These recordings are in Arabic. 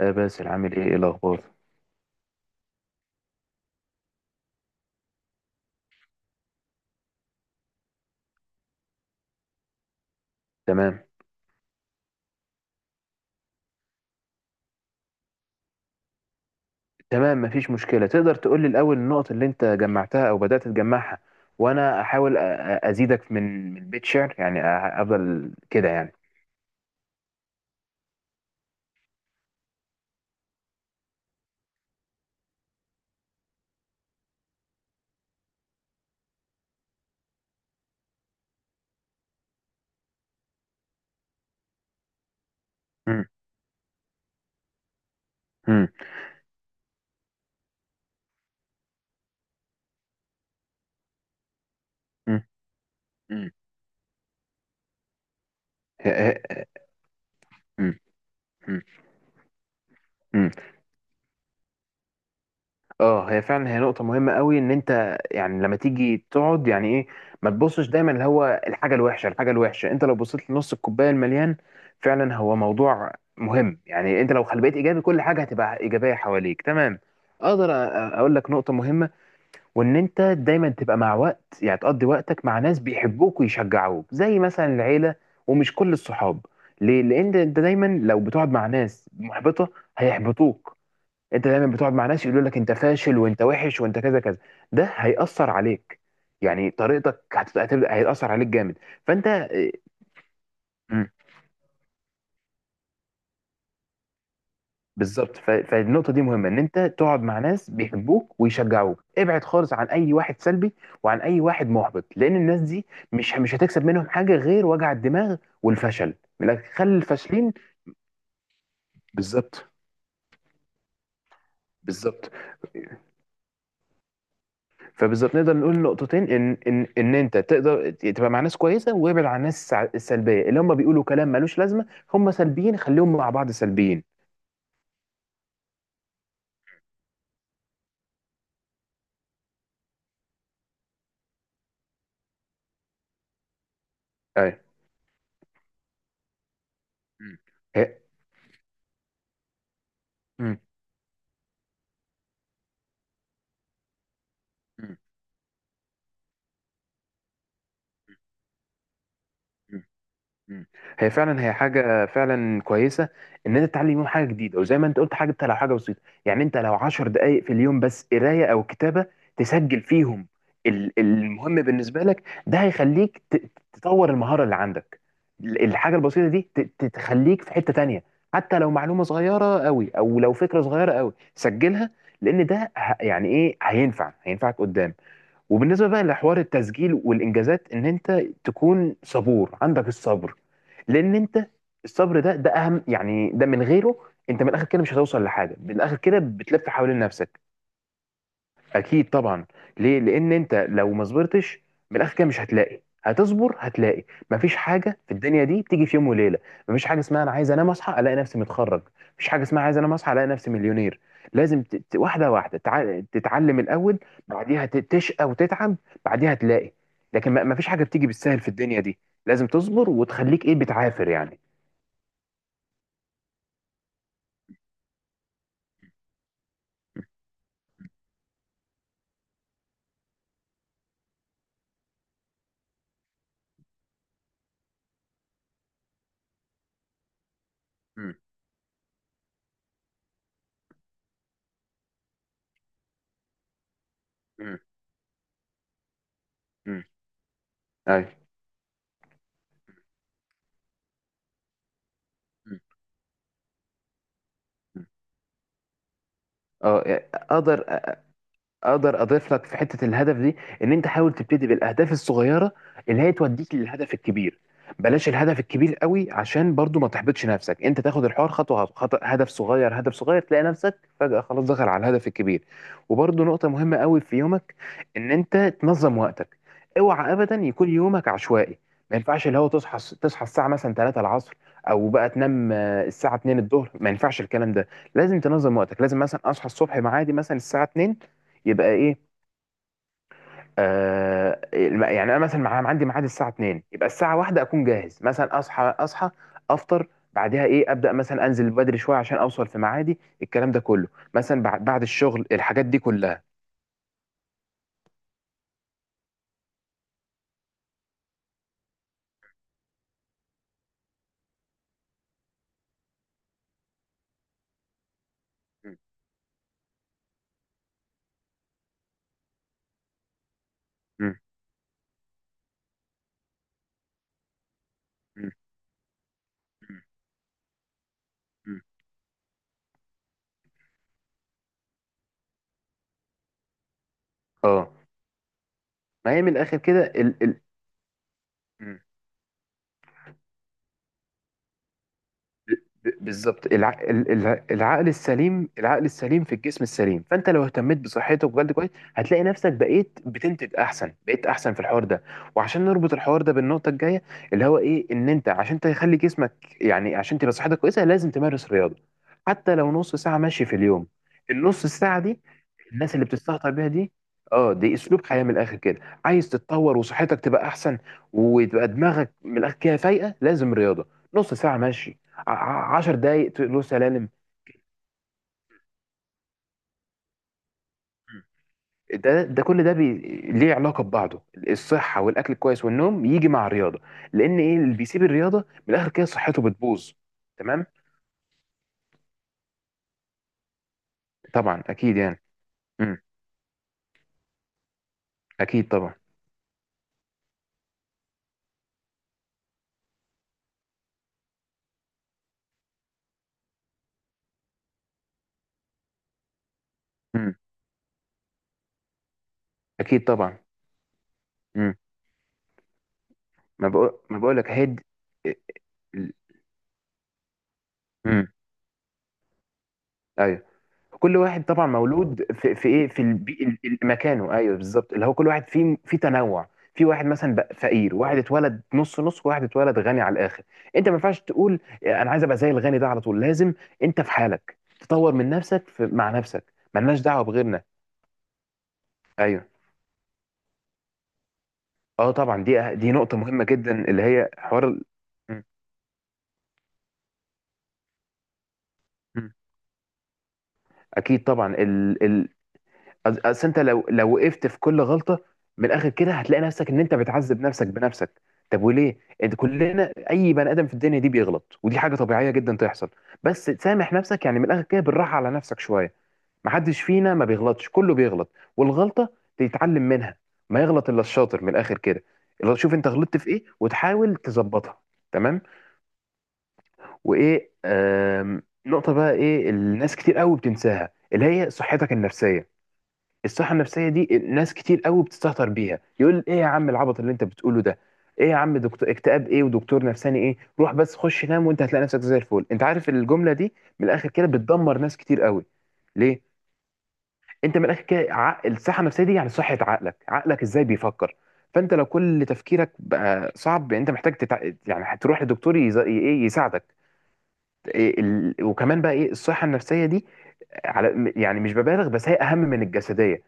آه باسل، عامل ايه؟ ايه الاخبار؟ تمام. تمام، مفيش مشكله. تقدر تقول لي الاول النقط اللي انت جمعتها او بدات تجمعها، وانا احاول ازيدك من بيت شعر يعني افضل كده يعني. مم. مم. مم. مم. ه- ه- مم. مم. مم. اه، هي فعلا نقطة مهمة قوي. ان انت يعني لما تيجي تقعد يعني ايه، ما تبصش دايما اللي هو الحاجة الوحشة الحاجة الوحشة. انت لو بصيت لنص الكوباية المليان، فعلا هو موضوع مهم. يعني انت لو خليت ايجابي كل حاجة هتبقى ايجابية حواليك. تمام. اقدر اقول لك نقطة مهمة، وان انت دايما تبقى مع وقت يعني تقضي وقتك مع ناس بيحبوك ويشجعوك زي مثلا العيلة، ومش كل الصحاب. ليه؟ لان انت دايما لو بتقعد مع ناس محبطة هيحبطوك. انت دايما بتقعد مع ناس يقولوا لك انت فاشل وانت وحش وانت كذا كذا، ده هيأثر عليك. يعني طريقتك هتبدأ هيأثر عليك جامد. فانت مم، بالظبط. فالنقطة دي مهمة ان انت تقعد مع ناس بيحبوك ويشجعوك. ابعد خالص عن اي واحد سلبي، وعن اي واحد محبط. لان الناس دي مش هتكسب منهم حاجة غير وجع الدماغ والفشل. من الآخر، خلي الفاشلين. بالظبط. بالظبط. فبالظبط نقدر نقول نقطتين، ان انت تقدر تبقى مع ناس كويسه وابعد عن الناس السلبيه اللي هم بيقولوا كلام ملوش لازمه. هم سلبيين خليهم مع بعض سلبيين. ايوه. مم. هي- مم. مم. مم. هي فعلا حاجة فعلا كويسة. إن أنت تتعلم يوم حاجة جديدة، وزي ما أنت قلت، حاجة أنت لو حاجة بسيطة. يعني أنت لو عشر دقايق في اليوم بس قراية أو كتابة تسجل فيهم، المهم بالنسبة لك، ده هيخليك تطور المهارة اللي عندك. الحاجة البسيطة دي تخليك في حتة تانية. حتى لو معلومة صغيرة قوي أو لو فكرة صغيرة قوي سجلها، لأن ده يعني إيه هينفع هينفعك قدام. وبالنسبه بقى لحوار التسجيل والانجازات، ان انت تكون صبور عندك الصبر. لان انت الصبر ده اهم، يعني ده من غيره انت من الاخر كده مش هتوصل لحاجه، من الاخر كده بتلف حوالين نفسك. اكيد طبعا. ليه؟ لان انت لو ما صبرتش، من الاخر كده مش هتلاقي، هتصبر هتلاقي. مفيش حاجه في الدنيا دي بتيجي في يوم وليله. مفيش حاجه اسمها انا عايز انام اصحى الاقي نفسي متخرج. مفيش حاجه اسمها عايز انام اصحى الاقي نفسي مليونير. لازم واحده واحده تتعلم الاول. بعديها تشقى وتتعب، بعديها تلاقي. لكن مفيش حاجه بتيجي بالسهل في الدنيا دي. لازم تصبر وتخليك ايه بتعافر يعني. امم. امم. امم. ايوه. مم. مم. اه يعني اقدر اضيف لك في حته الهدف دي، ان انت حاول تبتدي بالاهداف الصغيره اللي هي توديك للهدف الكبير. بلاش الهدف الكبير قوي، عشان برضو ما تحبطش نفسك. انت تاخد الحوار خطوه خطوه، هدف صغير هدف صغير، تلاقي نفسك فجاه خلاص دخل على الهدف الكبير. وبرضو نقطه مهمه قوي في يومك، ان انت تنظم وقتك. اوعى ابدا يكون يومك عشوائي. ما ينفعش اللي هو تصحى الساعه مثلا 3 العصر، او بقى تنام الساعه 2 الظهر. ما ينفعش الكلام ده. لازم تنظم وقتك. لازم مثلا اصحى الصبح، معادي مثلا الساعه 2، يبقى ايه، يعني انا مثلا عندي ميعاد الساعه 2، يبقى الساعه 1 اكون جاهز. مثلا اصحى افطر، بعدها ايه، ابدا مثلا انزل بدري شويه عشان اوصل في ميعادي، الكلام ده كله مثلا بعد الشغل الحاجات دي كلها. م- م- م- م- م. اه، ما هي من الاخر كده ال ال بالظبط، العقل السليم في الجسم السليم. فانت لو اهتميت بصحتك وجلد كويس، هتلاقي نفسك بقيت بتنتج احسن، بقيت احسن في الحوار ده. وعشان نربط الحوار ده بالنقطه الجايه، اللي هو ايه، ان انت عشان تخلي جسمك يعني عشان تبقى صحتك كويسه، لازم تمارس رياضه. حتى لو نص ساعه مشي في اليوم، النص ساعه دي الناس اللي بتستهتر بيها دي، اه دي اسلوب حياه. من الاخر كده، عايز تتطور وصحتك تبقى احسن وتبقى دماغك من الاخر كده فايقه، لازم رياضه نص ساعه مشي، عشر دقايق له سلالم. مم. ده كل ده ليه علاقه ببعضه. الصحه والاكل الكويس والنوم يجي مع الرياضه، لان ايه اللي بيسيب الرياضه من الاخر كده صحته بتبوظ. تمام. طبعا اكيد يعني. امم. اكيد طبعا. امم. اكيد طبعا. امم. ما بقول لك امم. ايوه. كل واحد طبعا مولود في ايه، في مكانه. ايوه بالظبط، اللي هو كل واحد فيه في تنوع. في واحد مثلا بقى فقير، واحد اتولد نص نص، واحد اتولد غني على الاخر. انت ما ينفعش تقول انا عايز ابقى زي الغني ده على طول، لازم انت في حالك تطور من نفسك مع نفسك، ملناش دعوه بغيرنا. ايوه. اه طبعا، دي دي نقطه مهمه جدا اللي هي حوار م- م. اكيد طبعا اصل انت لو وقفت في كل غلطه من الاخر كده هتلاقي نفسك ان انت بتعذب نفسك بنفسك. طب وليه انت، كلنا اي بني ادم في الدنيا دي بيغلط، ودي حاجه طبيعيه جدا تحصل. بس سامح نفسك يعني من الاخر كده بالراحه على نفسك شويه. محدش فينا ما بيغلطش، كله بيغلط. والغلطه تتعلم منها. ما يغلط الا الشاطر من الاخر كده. لو شوف انت غلطت في ايه وتحاول تظبطها. تمام. وايه، نقطه بقى ايه الناس كتير قوي بتنساها اللي هي صحتك النفسيه. الصحة النفسية دي ناس كتير قوي بتستهتر بيها، يقول ايه يا عم، العبط اللي انت بتقوله ده، ايه يا عم، دكتور اكتئاب ايه ودكتور نفساني ايه، روح بس خش نام وانت هتلاقي نفسك زي الفل. انت عارف الجملة دي من الاخر كده بتدمر ناس كتير قوي. ليه؟ انت من الاخر كده الصحة النفسية دي يعني صحة عقلك، عقلك ازاي بيفكر. فانت لو كل تفكيرك بقى صعب يعني انت محتاج يعني هتروح لدكتور ايه يساعدك. إيه وكمان بقى ايه الصحة النفسية دي، على يعني مش ببالغ، بس هي اهم من الجسديه.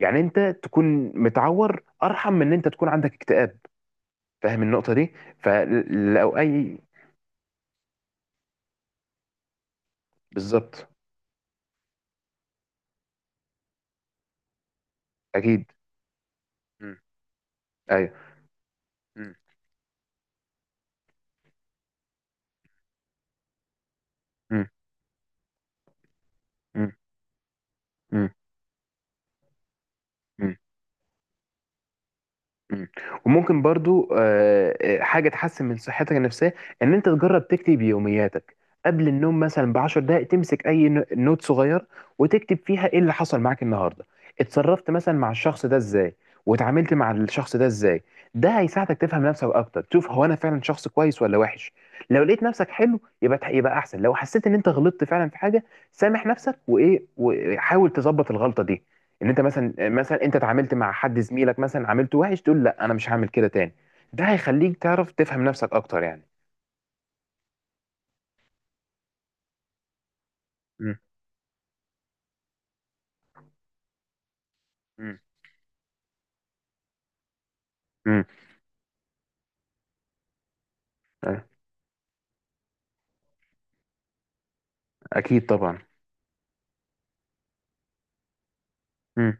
يعني انت تكون متعور ارحم من ان انت تكون عندك اكتئاب. فاهم النقطه دي. فلو اي. بالظبط. اكيد. مم. ايوه. مم. مم. مم. مم. مم. وممكن برضو حاجة تحسن من صحتك النفسية، إن أنت تجرب تكتب يومياتك قبل النوم مثلا بعشر دقايق، تمسك أي نوت صغير وتكتب فيها إيه اللي حصل معاك النهاردة، اتصرفت مثلا مع الشخص ده إزاي، وتعاملت مع الشخص ده إزاي. ده هيساعدك تفهم نفسك أكتر، تشوف هو أنا فعلا شخص كويس ولا وحش. لو لقيت نفسك حلو، يبقى يبقى أحسن. لو حسيت إن أنت غلطت فعلا في حاجة، سامح نفسك وإيه وحاول تظبط الغلطة دي. ان انت مثلا انت اتعاملت مع حد زميلك، مثلا عاملته وحش، تقول لا انا مش هعمل كده تاني. ده هيخليك تعرف تفهم نفسك اكتر يعني. مم. مم. مم. اكيد طبعا. مم.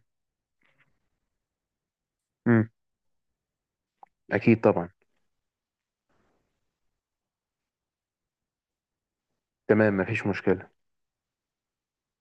مم. اكيد طبعا. تمام مفيش مشكلة.